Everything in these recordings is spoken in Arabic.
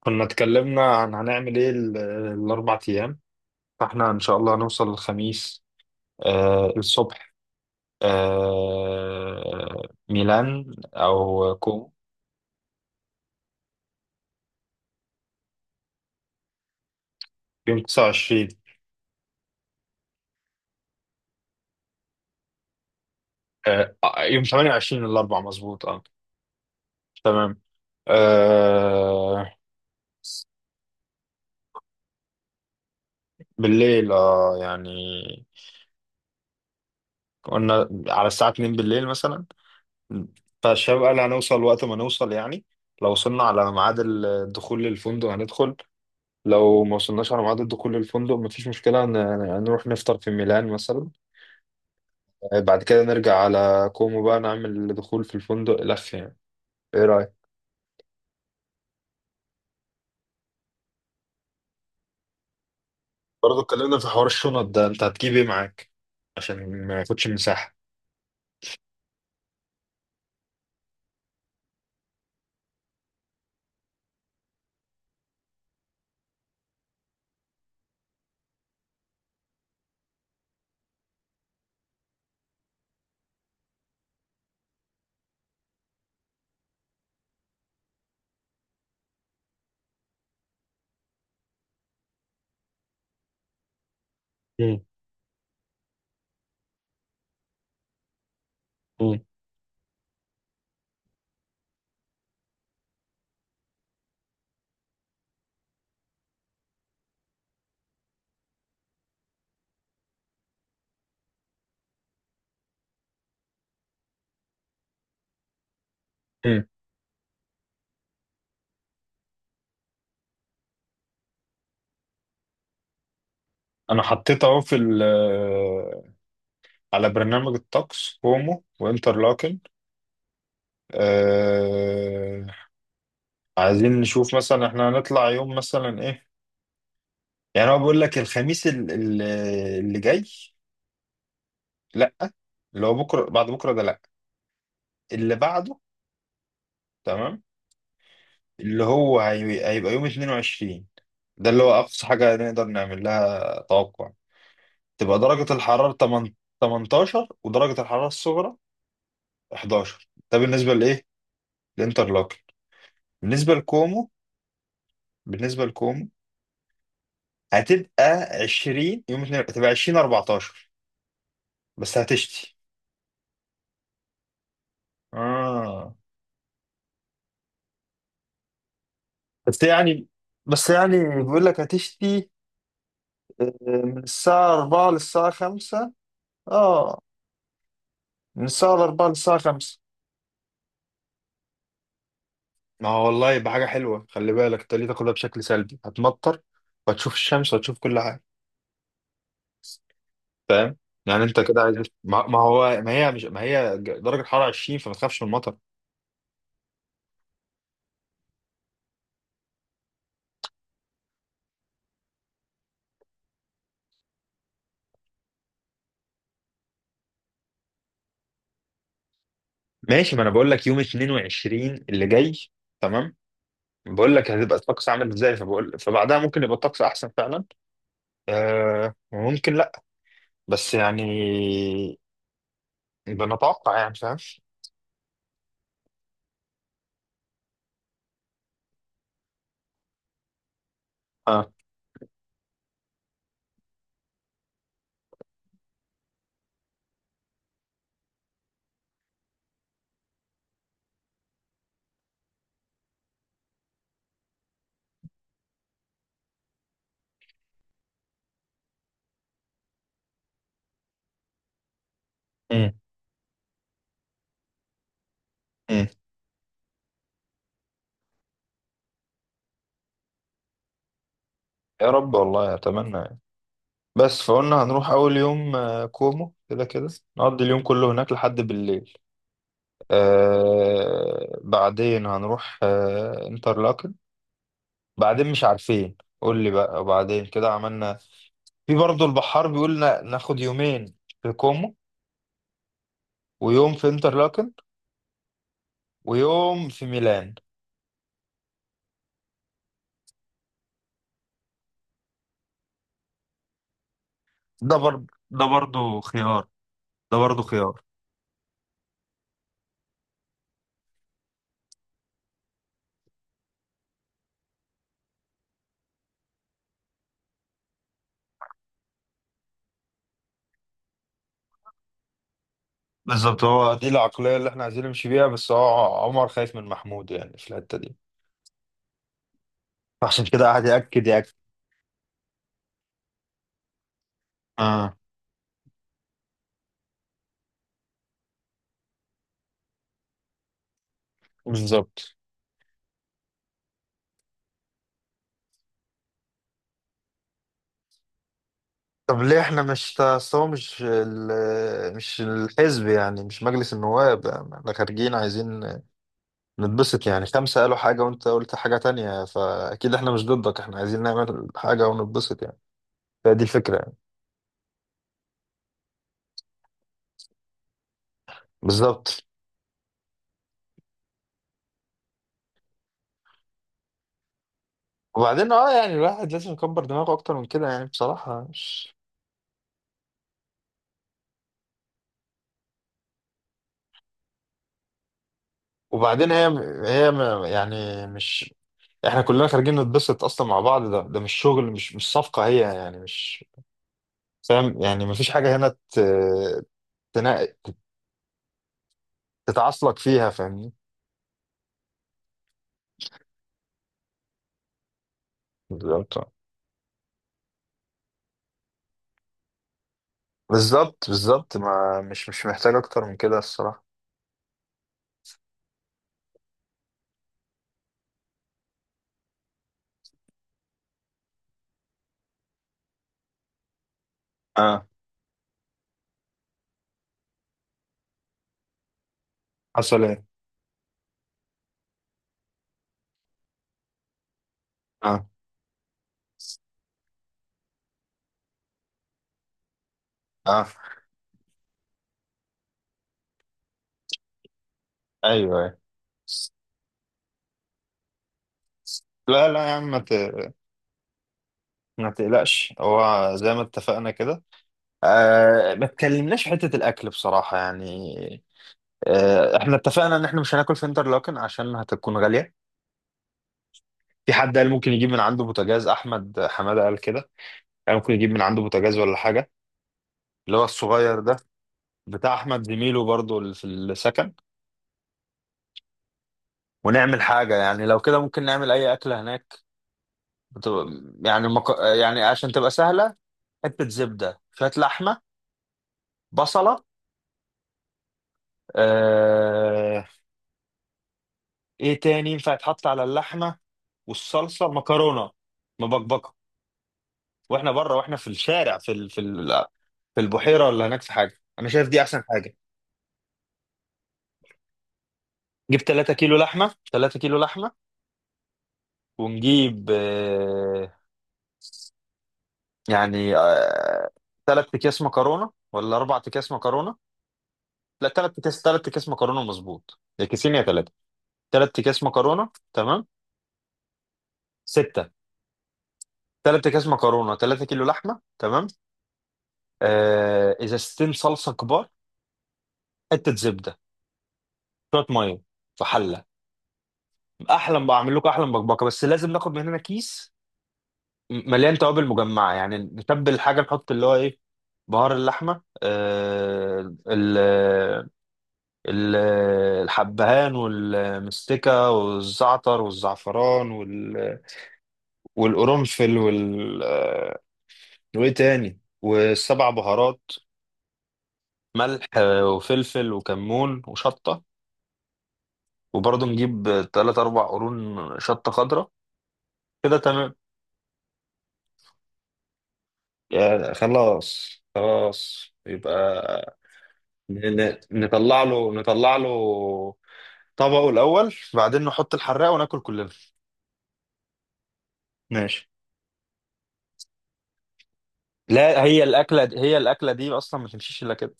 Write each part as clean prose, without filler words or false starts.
كنا اتكلمنا عن هنعمل ايه الاربع ايام. فاحنا ان شاء الله هنوصل الخميس، الصبح. آه. ميلان او كومو. يوم 29. آه، آه، يوم 28 الاربع مظبوط، تمام. آه. بالليل، يعني قلنا على الساعة 2 بالليل مثلا. فالشباب قال هنوصل وقت ما نوصل يعني. لو وصلنا على ميعاد الدخول للفندق هندخل. لو ما وصلناش على ميعاد دخول الفندق مفيش مشكلة، نروح نفطر في ميلان مثلا. بعد كده نرجع على كومو بقى، نعمل دخول في الفندق لف يعني. ايه رأيك؟ برضه اتكلمنا في حوار الشنط ده، انت هتجيب ايه معاك عشان ما ياخدش مساحة. مم. مم. مم. انا حطيت اهو في ال، على برنامج الطقس كومو وانترلاكن. أه. عايزين نشوف مثلا احنا هنطلع يوم مثلا ايه. يعني هو بيقول لك الخميس اللي جاي. لا، اللي هو بكره بعد بكره ده لا، اللي بعده. تمام. اللي هو هيبقى يوم 22. ده اللي هو اقصى حاجه نقدر نعمل لها توقع. تبقى درجه الحراره 8، 18، ودرجه الحراره الصغرى 11. ده بالنسبه لايه؟ للانترلوكن. بالنسبه لكومو، بالنسبه لكومو هتبقى 20. يوم 2 هتبقى 20، 14. بس هتشتي. اه. بس يعني بس يعني بيقول لك هتشتي، آه، من الساعة 4 للساعة 5. اه. من الساعة 4 للساعة 5. ما هو والله يبقى حاجة حلوة. خلي بالك انت ليه تاخدها بشكل سلبي؟ هتمطر، وهتشوف الشمس، وهتشوف كل حاجة. فاهم؟ يعني انت كده عايز. ما هو، ما هي مش ما هي، درجة حرارة 20، فما تخافش من المطر. ماشي. ما انا بقول لك يوم 22 اللي جاي. تمام. بقول لك هتبقى الطقس عامل ازاي، فبقول فبعدها ممكن يبقى الطقس احسن فعلا. آه، وممكن لا. بس يعني بنتوقع يعني، فاهم؟ اه. امم. امم. يا رب والله اتمنى. بس فقلنا هنروح أول يوم، آه، كومو كده كده. نقضي اليوم كله هناك لحد بالليل. آه، بعدين هنروح، آه، انترلاكن. بعدين مش عارفين، قول لي بقى وبعدين كده عملنا. في برضه البحار بيقول ناخد يومين في كومو، ويوم في انترلاكن، ويوم في ميلان. ده برضه ده برضه خيار ده برضه خيار. بالظبط. هو دي العقلية اللي احنا عايزين نمشي بيها، بس هو عمر خايف من محمود يعني في الحتة دي. عشان كده قاعد يأكد، يأكد. بالظبط. طب ليه احنا مش أصل هو مش مش الحزب يعني، مش مجلس النواب يعني. احنا خارجين عايزين نتبسط يعني. خمسة قالوا حاجة وانت قلت حاجة تانية، فأكيد احنا مش ضدك. احنا عايزين نعمل حاجة ونتبسط يعني. فدي الفكرة يعني. بالظبط. وبعدين اه يعني الواحد لازم يكبر دماغه أكتر من كده يعني، بصراحة مش. وبعدين هي، يعني مش. احنا كلنا خارجين نتبسط أصلا مع بعض. ده مش شغل، مش صفقة هي يعني مش. فاهم يعني؟ مفيش حاجة هنا تنا... تتعصلك فيها، فاهمني؟ بالظبط، بالظبط، بالظبط. ما مش محتاج اكتر من كده الصراحة. اه. حصل ايه؟ اه. اه. ايوه، أيوة. لا، لا يا عم، ما تقلقش، هو زي ما اتفقنا كده. آه، ما اتكلمناش في حتة الأكل بصراحة يعني. آه، احنا اتفقنا إن احنا مش هناكل في انترلاكن عشان هتكون غالية. في حد قال ممكن يجيب من عنده بوتاجاز، أحمد حمادة قال كده. قال ممكن يجيب من عنده بوتاجاز ولا حاجة. اللي هو الصغير ده، بتاع احمد زميله برضو اللي في السكن. ونعمل حاجه يعني. لو كده ممكن نعمل اي اكله هناك. بتبقى يعني يعني عشان تبقى سهله. حته زبده، شويه لحمه، بصله، آه، ايه تاني ينفع يتحط على اللحمه؟ والصلصه، مكرونه مبكبكه. واحنا بره، واحنا في الشارع، في البحيره، ولا هناك، في حاجه. انا شايف دي احسن حاجه. نجيب 3 كيلو لحمه، 3 كيلو لحمه. ونجيب، آه، يعني، آه، تلات اكياس مكرونه ولا اربع اكياس مكرونه؟ لا، تلات اكياس، تلات اكياس مكرونه مظبوط، يا كيسين يا تلاته، تلات اكياس مكرونه تمام. سته. تلات اكياس مكرونه، تلاتة كيلو لحمه تمام. آه، ازازتين صلصه كبار، حته زبده، شويه ميه، في حله. احلى بعمل لكم احلى بكبكه، بس لازم ناخد من هنا كيس مليان توابل مجمعه يعني، نتبل الحاجه، نحط اللي هو ايه، بهار اللحمه، ال- الحبهان والمستكة والزعتر والزعفران، والقرنفل، وال آه، وايه تاني، والسبع بهارات، ملح، آه، وفلفل وكمون وشطة. وبرضه نجيب تلات أربع قرون شطة خضراء. كده تمام. يعني خلاص، خلاص يبقى، نطلع له، نطلع له طبقه الأول، بعدين نحط الحراق وناكل كلنا. ماشي. لا، هي الاكله دي، هي الاكله دي اصلا ما تمشيش الا كده.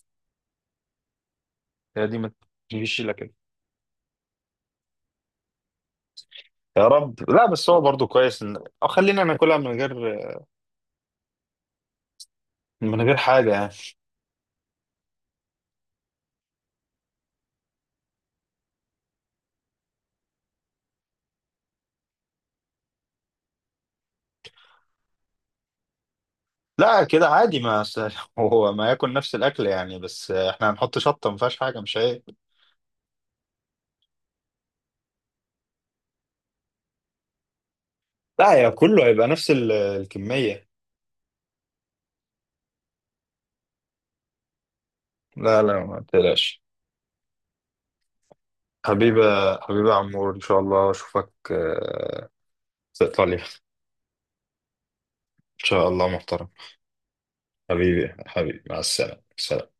هي دي ما تمشيش الا كده. يا رب. لا، بس هو برضو كويس ان او خلينا ناكلها من غير، من غير حاجه يعني. لا كده عادي، ما س- هو ما ياكل نفس الاكل يعني، بس احنا هنحط شطه ما فيهاش حاجه مش هي. لا، يا كله هيبقى نفس الكميه. لا، لا، ما تقلقش. حبيبة، حبيبة عمور، إن شاء الله أشوفك، آه، في إيطاليا إن شاء الله محترم. حبيبي، مع السلامة، سلام.